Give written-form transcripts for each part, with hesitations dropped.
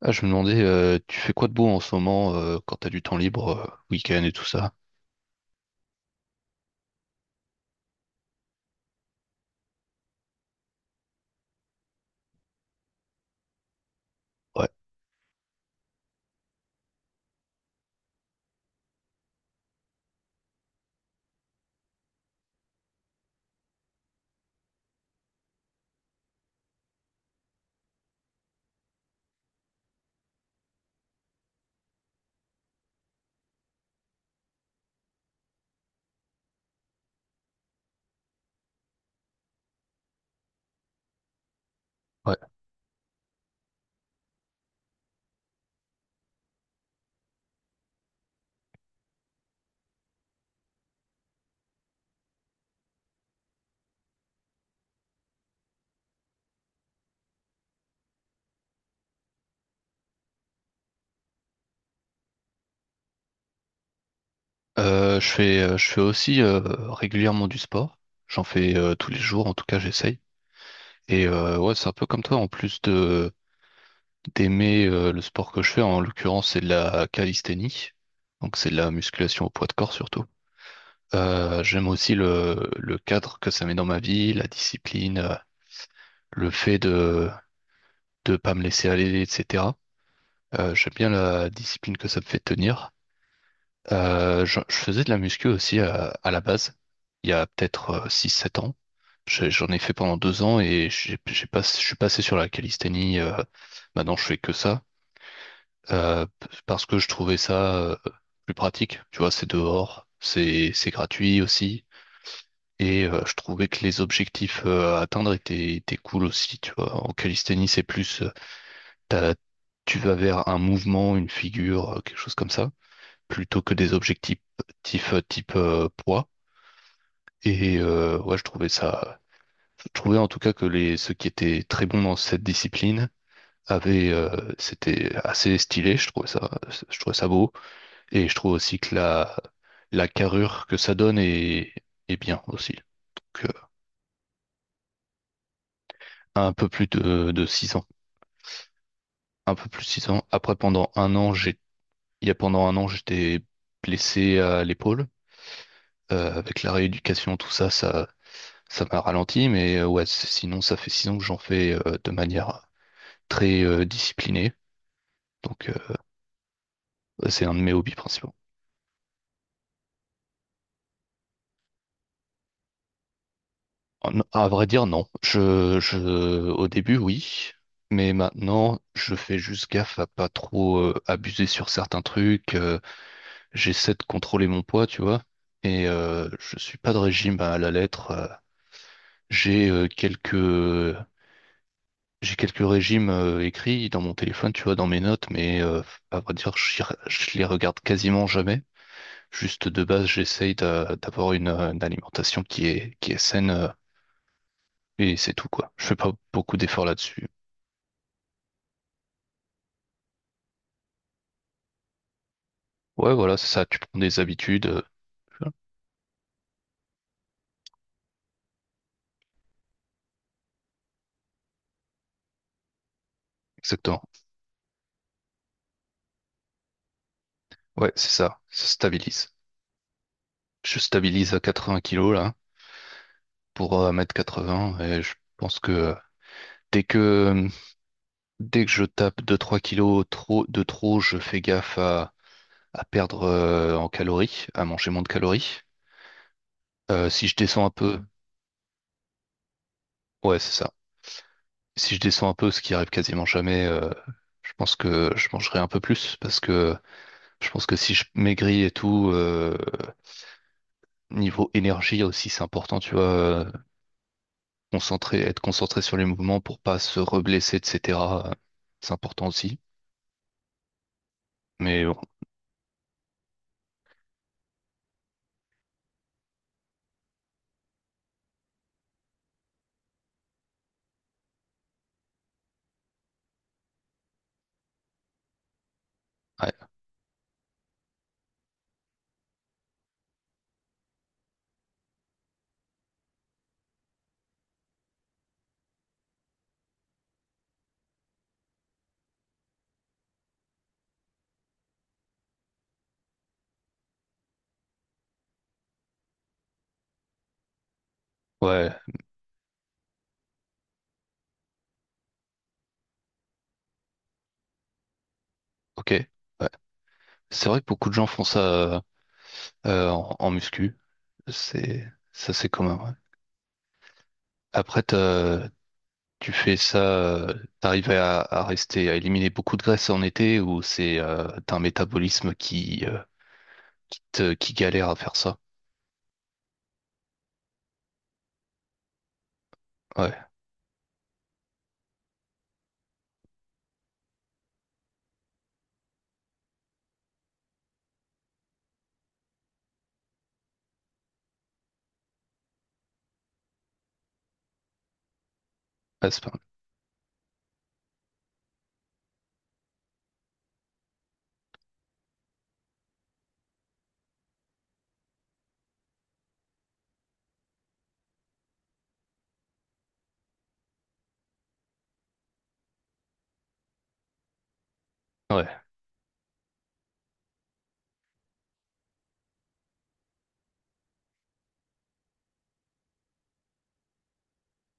Ah, je me demandais, tu fais quoi de beau en ce moment quand t'as du temps libre, week-end et tout ça? Ouais, ouais. Je fais aussi régulièrement du sport. J'en fais tous les jours, en tout cas j'essaye. Et ouais, c'est un peu comme toi, en plus de d'aimer le sport que je fais, en l'occurrence c'est de la calisthénie, donc c'est de la musculation au poids de corps surtout. J'aime aussi le cadre que ça met dans ma vie, la discipline, le fait de pas me laisser aller, etc. J'aime bien la discipline que ça me fait tenir. Je faisais de la muscu aussi à la base, il y a peut-être six sept ans. J'en ai fait pendant deux ans et j'ai pas, je suis passé sur la calisthénie. Maintenant, je fais que ça parce que je trouvais ça plus pratique. Tu vois, c'est dehors, c'est gratuit aussi. Et je trouvais que les objectifs à atteindre étaient cool aussi. Tu vois, en calisthénie, c'est plus, t'as- tu vas vers un mouvement, une figure, quelque chose comme ça. Plutôt que des objectifs type poids. Et ouais, je trouvais en tout cas que les ceux qui étaient très bons dans cette discipline avaient, c'était assez stylé. Je trouvais ça beau. Et je trouve aussi que la carrure que ça donne est bien aussi. Donc, un peu plus de un peu plus de six ans. Après, pendant un an, j'étais blessé à l'épaule. Avec la rééducation, ça m'a ralenti, mais ouais, sinon, ça fait six ans que j'en fais de manière très disciplinée. Donc, c'est un de mes hobbies principaux. À vrai dire, non. Au début, oui. Mais maintenant, je fais juste gaffe à pas trop abuser sur certains trucs. J'essaie de contrôler mon poids, tu vois. Et je suis pas de régime à la lettre. J'ai euh, quelques J'ai quelques régimes écrits dans mon téléphone, tu vois, dans mes notes, mais à vrai dire, je les regarde quasiment jamais. Juste de base, d'avoir une alimentation qui est saine et c'est tout, quoi. Je fais pas beaucoup d'efforts là-dessus. Ouais, voilà, c'est ça. Tu prends des habitudes. Voilà, exactement. Ouais, c'est ça. Ça stabilise. Je stabilise à 80 kilos, là, pour 1 m 80 et je pense que dès que, dès que je tape deux trois kilos de trop, je fais gaffe à. À perdre en calories, à manger moins de calories. Si je descends un peu, ouais, c'est ça. Si je descends un peu, ce qui arrive quasiment jamais, je pense que je mangerai un peu plus parce que je pense que si je maigris et tout, niveau énergie aussi, c'est important, tu vois, concentrer, être concentré sur les mouvements pour pas se reblesser, etc. euh, C'est important aussi. Mais bon, ouais, ouais, ok. Ouais. C'est vrai que beaucoup de gens font ça en muscu. C'est ça, c'est commun. Ouais. Après, t'as- Tu fais ça, euh, t'arrives à rester, à éliminer beaucoup de graisse en été ou c'est t'as un métabolisme qui, qui galère à faire ça? Ouais, ouais, c'est pas mal. Ouais.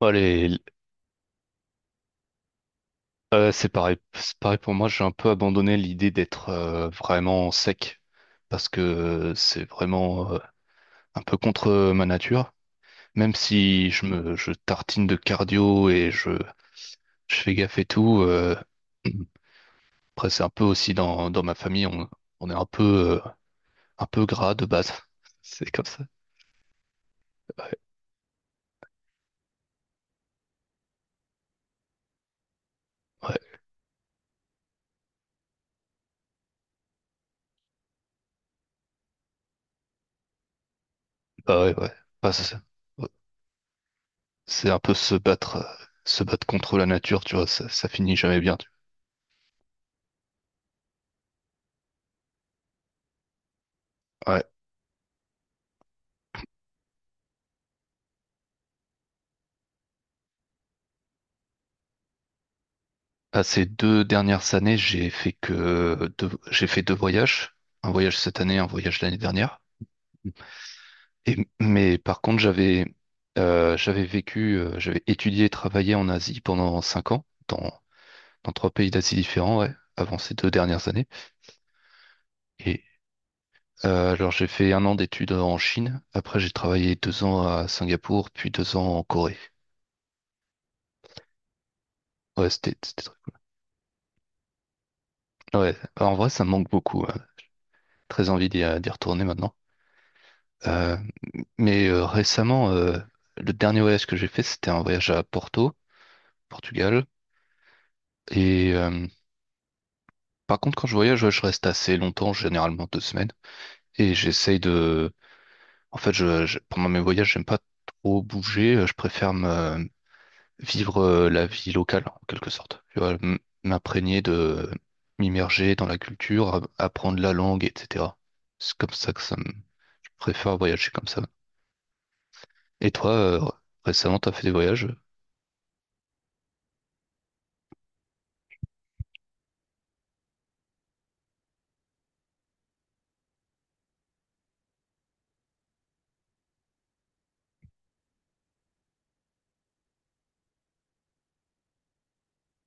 Bon, les- c'est pareil, c'est pareil pour moi, j'ai un peu abandonné l'idée d'être vraiment sec parce que c'est vraiment un peu contre ma nature. Même si je tartine de cardio et je fais gaffe et tout, après c'est un peu aussi dans ma famille, on est un peu gras de base. C'est comme ça. Ouais, bah ouais, ouais. Bah, c'est ouais. C'est un peu se battre contre la nature, tu vois, ça finit jamais bien. Tu vois. Ouais. Bah, ces deux dernières années, j'ai fait deux voyages. Un voyage cette année, un voyage l'année dernière. Et, mais par contre, j'avais vécu, j'avais étudié et travaillé en Asie pendant cinq ans, dans trois pays d'Asie différents, ouais, avant ces deux dernières années. Et, alors j'ai fait un an d'études en Chine, après j'ai travaillé deux ans à Singapour, puis deux ans en Corée. Ouais, c'était... c'était très- Ouais, en vrai ça me manque beaucoup, hein. Très envie d'y retourner maintenant. Euh, Récemment, le dernier voyage que j'ai fait, c'était un voyage à Porto, Portugal. Et par contre, quand je voyage, ouais, je reste assez longtemps, généralement deux semaines. Et j'essaye de... En fait, pendant mes voyages, j'aime pas trop bouger, je préfère me vivre la vie locale, en quelque sorte. Tu vois, m'imprégner de m'immerger dans la culture, apprendre la langue, etc. C'est comme ça que ça me... Je préfère voyager comme ça. Et toi, récemment, t'as fait des voyages?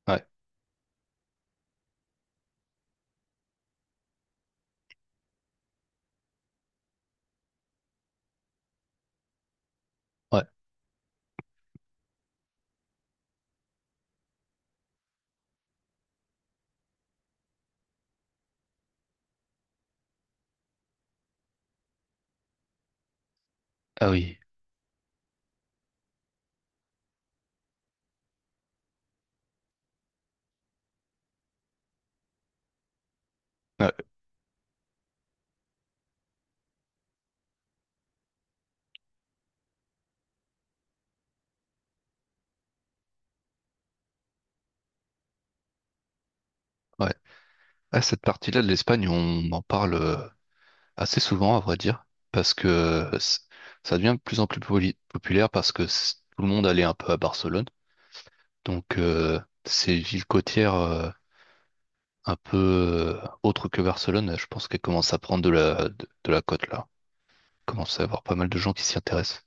Ouais, ouais. Ah oui. Ouais, ouais. Ah, cette partie-là de l'Espagne, on en parle assez souvent, à vrai dire, parce que ça devient de plus en plus populaire parce que tout le monde allait un peu à Barcelone. Donc, ces villes côtières un peu autre que Barcelone, je pense qu'elle commence à prendre de de la cote là. Commence à avoir pas mal de gens qui s'y intéressent.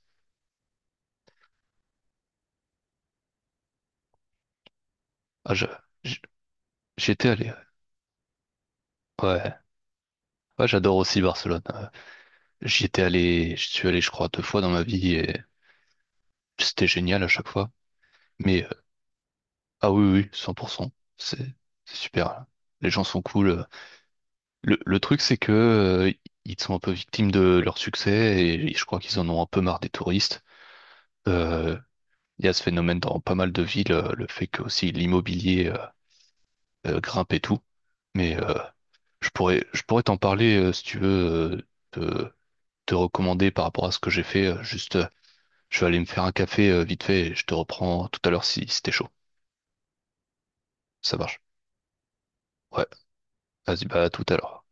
Ah, je- j- J'y allé. Ouais, ouais, j'adore aussi Barcelone. J'y étais allé, je suis allé, je crois, deux fois dans ma vie et c'était génial à chaque fois. Mais ah oui, oui, oui, 100%. C'est c'est super. Là. Les gens sont cool. Le truc, c'est que ils sont un peu victimes de leur succès et je crois qu'ils en ont un peu marre des touristes. Euh, Il y a ce phénomène dans pas mal de villes, le fait que aussi l'immobilier grimpe et tout. Mais je pourrais t'en parler si tu veux, euh, te, te recommander par rapport à ce que j'ai fait. Juste, je vais aller me faire un café vite fait et je te reprends tout à l'heure si, si t'es chaud. Ça marche. Ouais, vas-y, bah à tout à l'heure.